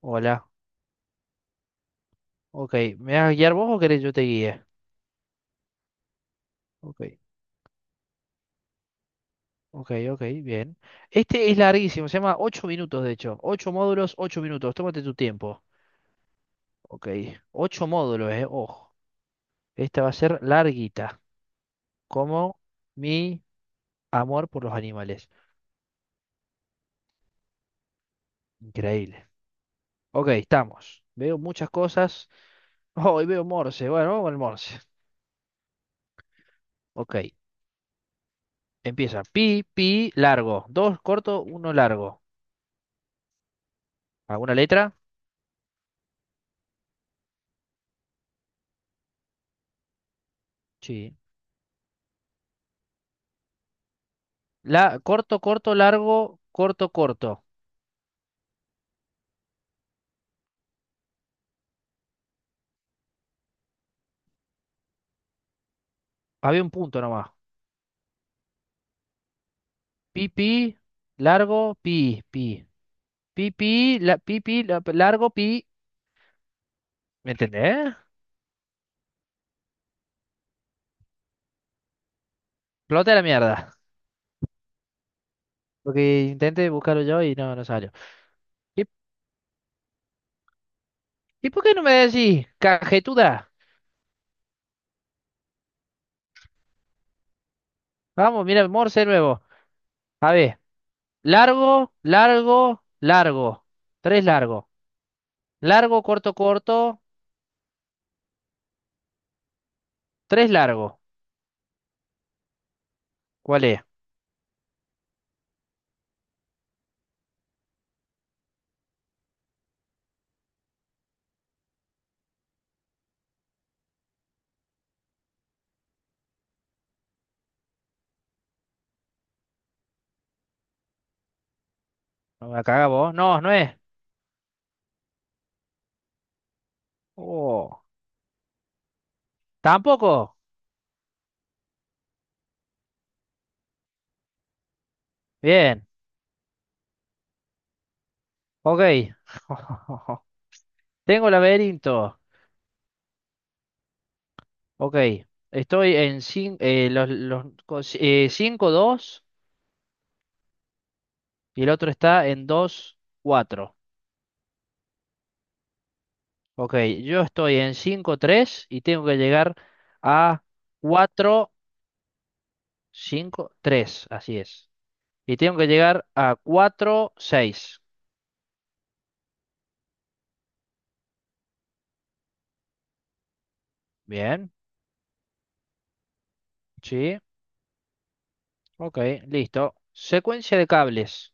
Hola, ok. ¿Me vas a guiar vos o querés yo te guíe? Ok, ok, ok, bien. Este es larguísimo, se llama ocho minutos de hecho. Ocho módulos, 8 minutos, tómate tu tiempo. Ok, 8 módulos, ojo. Esta va a ser larguita, como mi amor por los animales. Increíble. Ok, estamos. Veo muchas cosas. Oh, y veo Morse, bueno, vamos con el Morse. Ok, empieza. Pi, pi, largo. Dos corto, uno largo. ¿Alguna letra? Sí. La, corto, corto, largo, corto, corto. Había un punto nomás. Pi, pi, largo, pi, pi. Pi, pi, la, pi, pi, largo, pi. ¿Me entendés? Flote la mierda. Porque intenté buscarlo yo y no, no salió. ¿Y, y por qué no me decís, cajetuda? Vamos, mira, Morse nuevo. A ver, largo, largo, largo. Tres largo. Largo, corto, corto. Tres largo. ¿Cuál es? No me la cagás vos. No, no es. Oh, tampoco. Bien. Ok. Tengo el laberinto. Ok. Estoy en 5, los cinco, dos, y el otro está en 2 4. Ok. Yo estoy en 5 3 y tengo que llegar a 4 5 3, así es. Y tengo que llegar a cuatro seis. Bien. Sí. Ok. Listo. Secuencia de cables.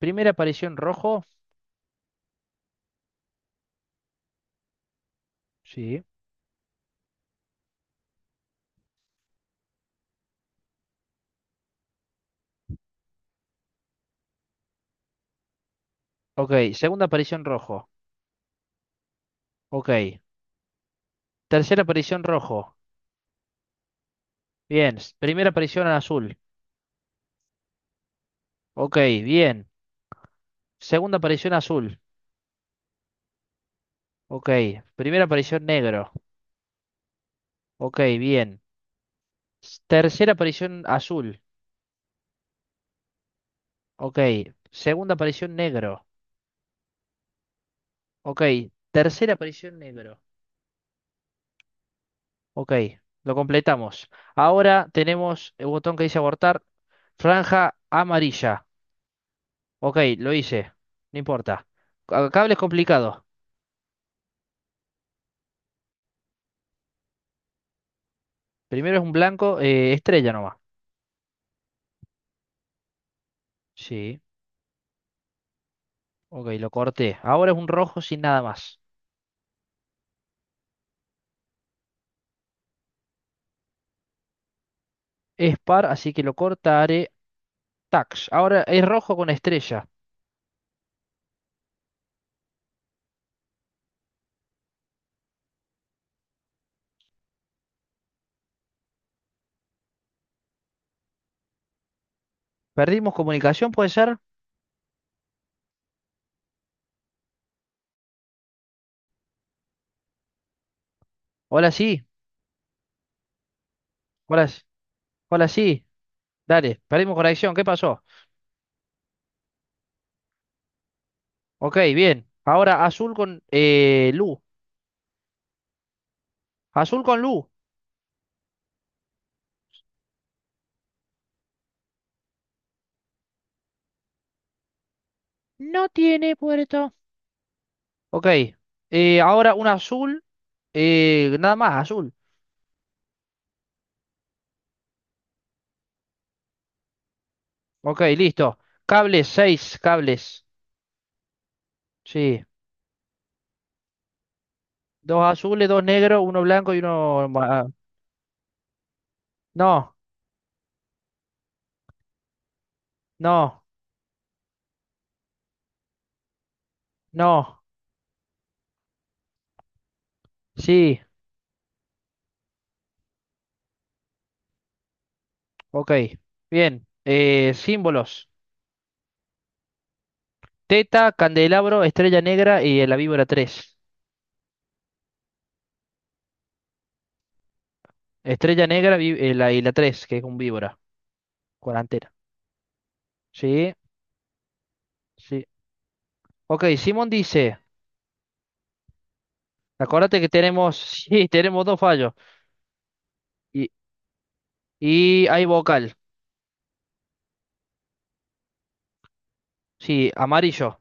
Primera aparición rojo. Sí. Ok. Segunda aparición rojo. Ok. Tercera aparición rojo. Bien. Primera aparición azul. Ok, bien. Segunda aparición azul. Ok. Primera aparición negro. Ok, bien. Tercera aparición azul. Ok. Segunda aparición negro. Ok. Tercera aparición negro. Ok. Lo completamos. Ahora tenemos el botón que dice abortar. Franja amarilla. Ok, lo hice. No importa. Cable es complicado. Primero es un blanco, estrella nomás. Sí. Ok, lo corté. Ahora es un rojo sin nada más. Es par, así que lo cortaré. Tax. Ahora es rojo con estrella. ¿Perdimos comunicación, puede ser? Hola, sí. Hola, hola, sí. Dale, perdimos conexión. ¿Qué pasó? Ok, bien. Ahora azul con Lu. Azul con Lu. No tiene puerto. Ok. Ahora un azul. Nada más, azul. Ok, listo. Cables, seis cables. Sí. Dos azules, dos negros, uno blanco y uno... ma- No. No. No, sí, ok. Bien. Símbolos. Teta, candelabro, estrella negra y la víbora 3. Estrella negra la, y la 3 que es un víbora. Cuarentena. Sí, sí. Ok, Simón dice, acuérdate que tenemos, sí, tenemos dos fallos. Y, y hay vocal. Sí, amarillo.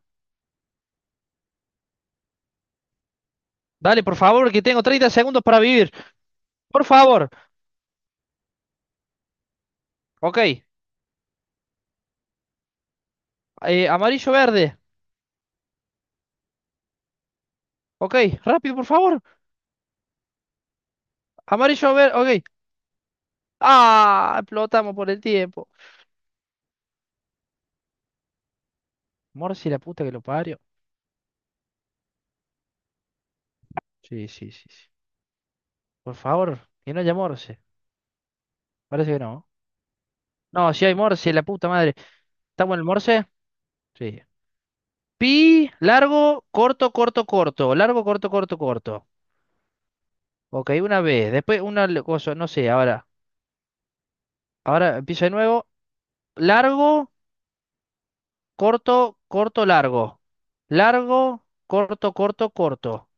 Dale, por favor, que tengo 30 segundos para vivir. Por favor. Ok. Amarillo verde. Ok, rápido, por favor. Amarillo verde. Ok. Ah, explotamos por el tiempo. Morsi, la puta que lo parió. Sí, sí, sí, sí. Por favor, que no haya Morse. Parece que no. No, si hay Morse, la puta madre. ¿Está bueno el Morse? Sí. Pi, largo, corto, corto, corto. Largo, corto, corto, corto. Ok, una vez. Después una cosa, no sé, ahora. Ahora empiezo de nuevo. Largo, corto, corto, largo. Largo, corto, corto, corto.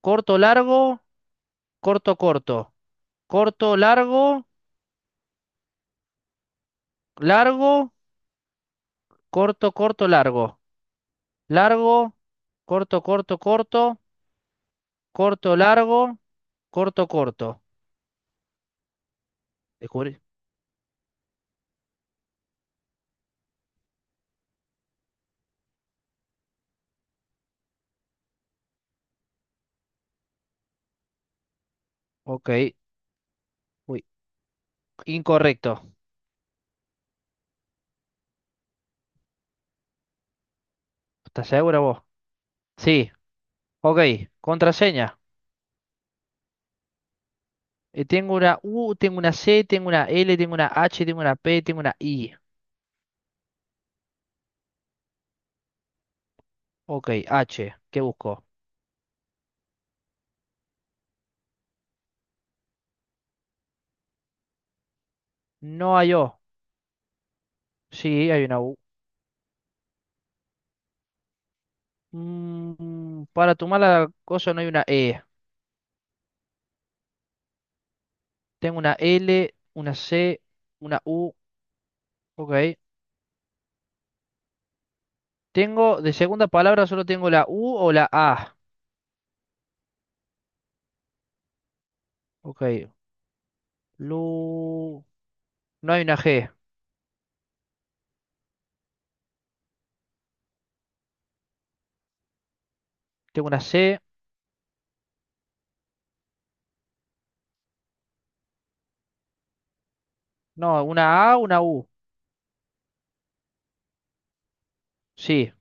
Corto, largo, corto, corto. Corto, largo, largo, corto, corto, largo. Largo, corto, corto, corto, corto, largo, corto, corto. Descubrí. Ok. Uy, incorrecto. ¿Estás segura vos? Sí. Ok. Contraseña. Tengo una U, tengo una C, tengo una L, tengo una H, tengo una P, tengo una I. Ok, H. ¿Qué busco? No hay O. Sí, hay una U. Mm, para tu mala cosa no hay una E. Tengo una L, una C, una U. Ok. Tengo, de segunda palabra solo tengo la U o la A. Ok. Lu. No hay una G. Tengo una C. No, una A, una U. Sí.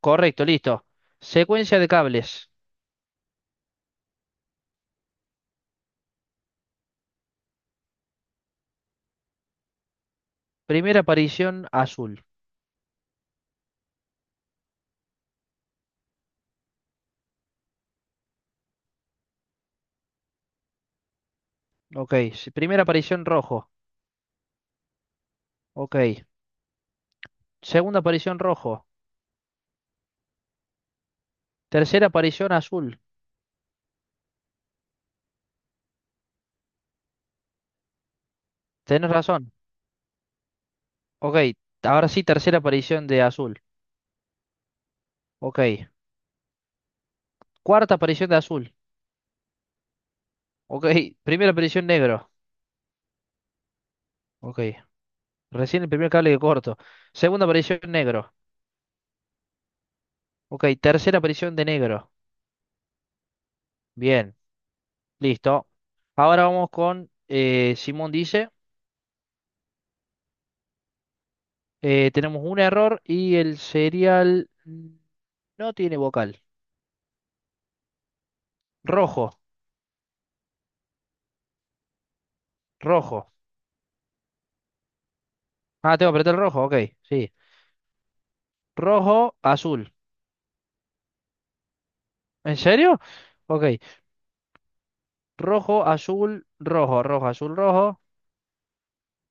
Correcto, listo. Secuencia de cables. Primera aparición azul. Ok. Primera aparición rojo. Ok. Segunda aparición rojo. Tercera aparición azul. Tenés razón. Ok. Ahora sí, tercera aparición de azul. Ok. Cuarta aparición de azul. Ok. Primera aparición negro. Ok. Recién el primer cable que corto. Segunda aparición negro. Ok, tercera aparición de negro. Bien, listo. Ahora vamos con Simón dice, tenemos un error y el serial mm, no tiene vocal. Rojo, rojo. Ah, tengo que apretar el rojo, ok, sí. Rojo, azul. ¿En serio? Ok. Rojo, azul, rojo, rojo, azul, rojo.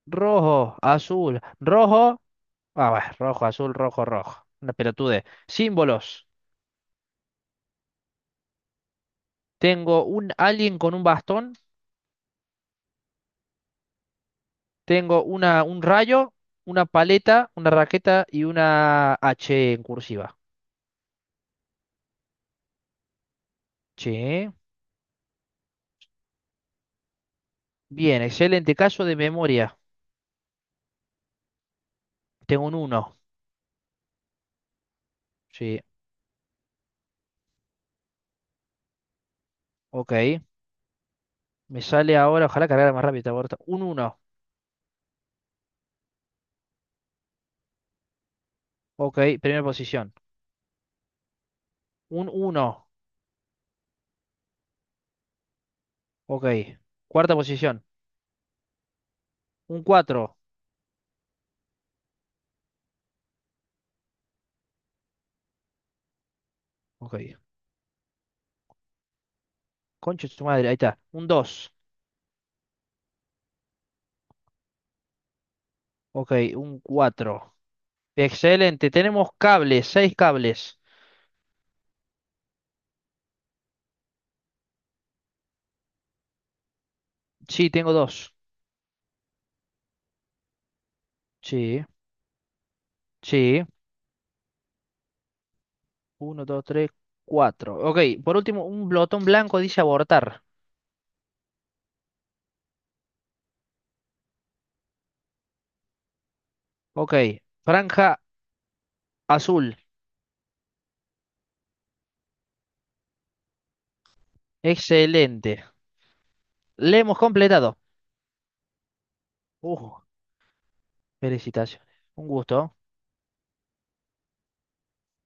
Rojo, azul, rojo. Ah, bueno, rojo, azul, rojo, rojo. Una pelotude. Símbolos. Tengo un alguien con un bastón, tengo una, un rayo, una paleta, una raqueta y una H en cursiva. Sí. Bien, excelente caso de memoria. Tengo un uno. Sí, ok. Me sale ahora, ojalá cargara más rápido. Esta puerta. Un uno. Ok, primera posición. Un uno. Ok. Cuarta posición. Un cuatro. Ok. Concha de su madre, ahí está. Un dos. Ok, un cuatro. Excelente. Tenemos cables, seis cables. Sí, tengo dos. Sí. Sí, uno, dos, tres, cuatro. Ok, por último, un blotón blanco dice abortar. Ok, franja azul. Excelente. Le hemos completado. Uh, felicitaciones. Un gusto.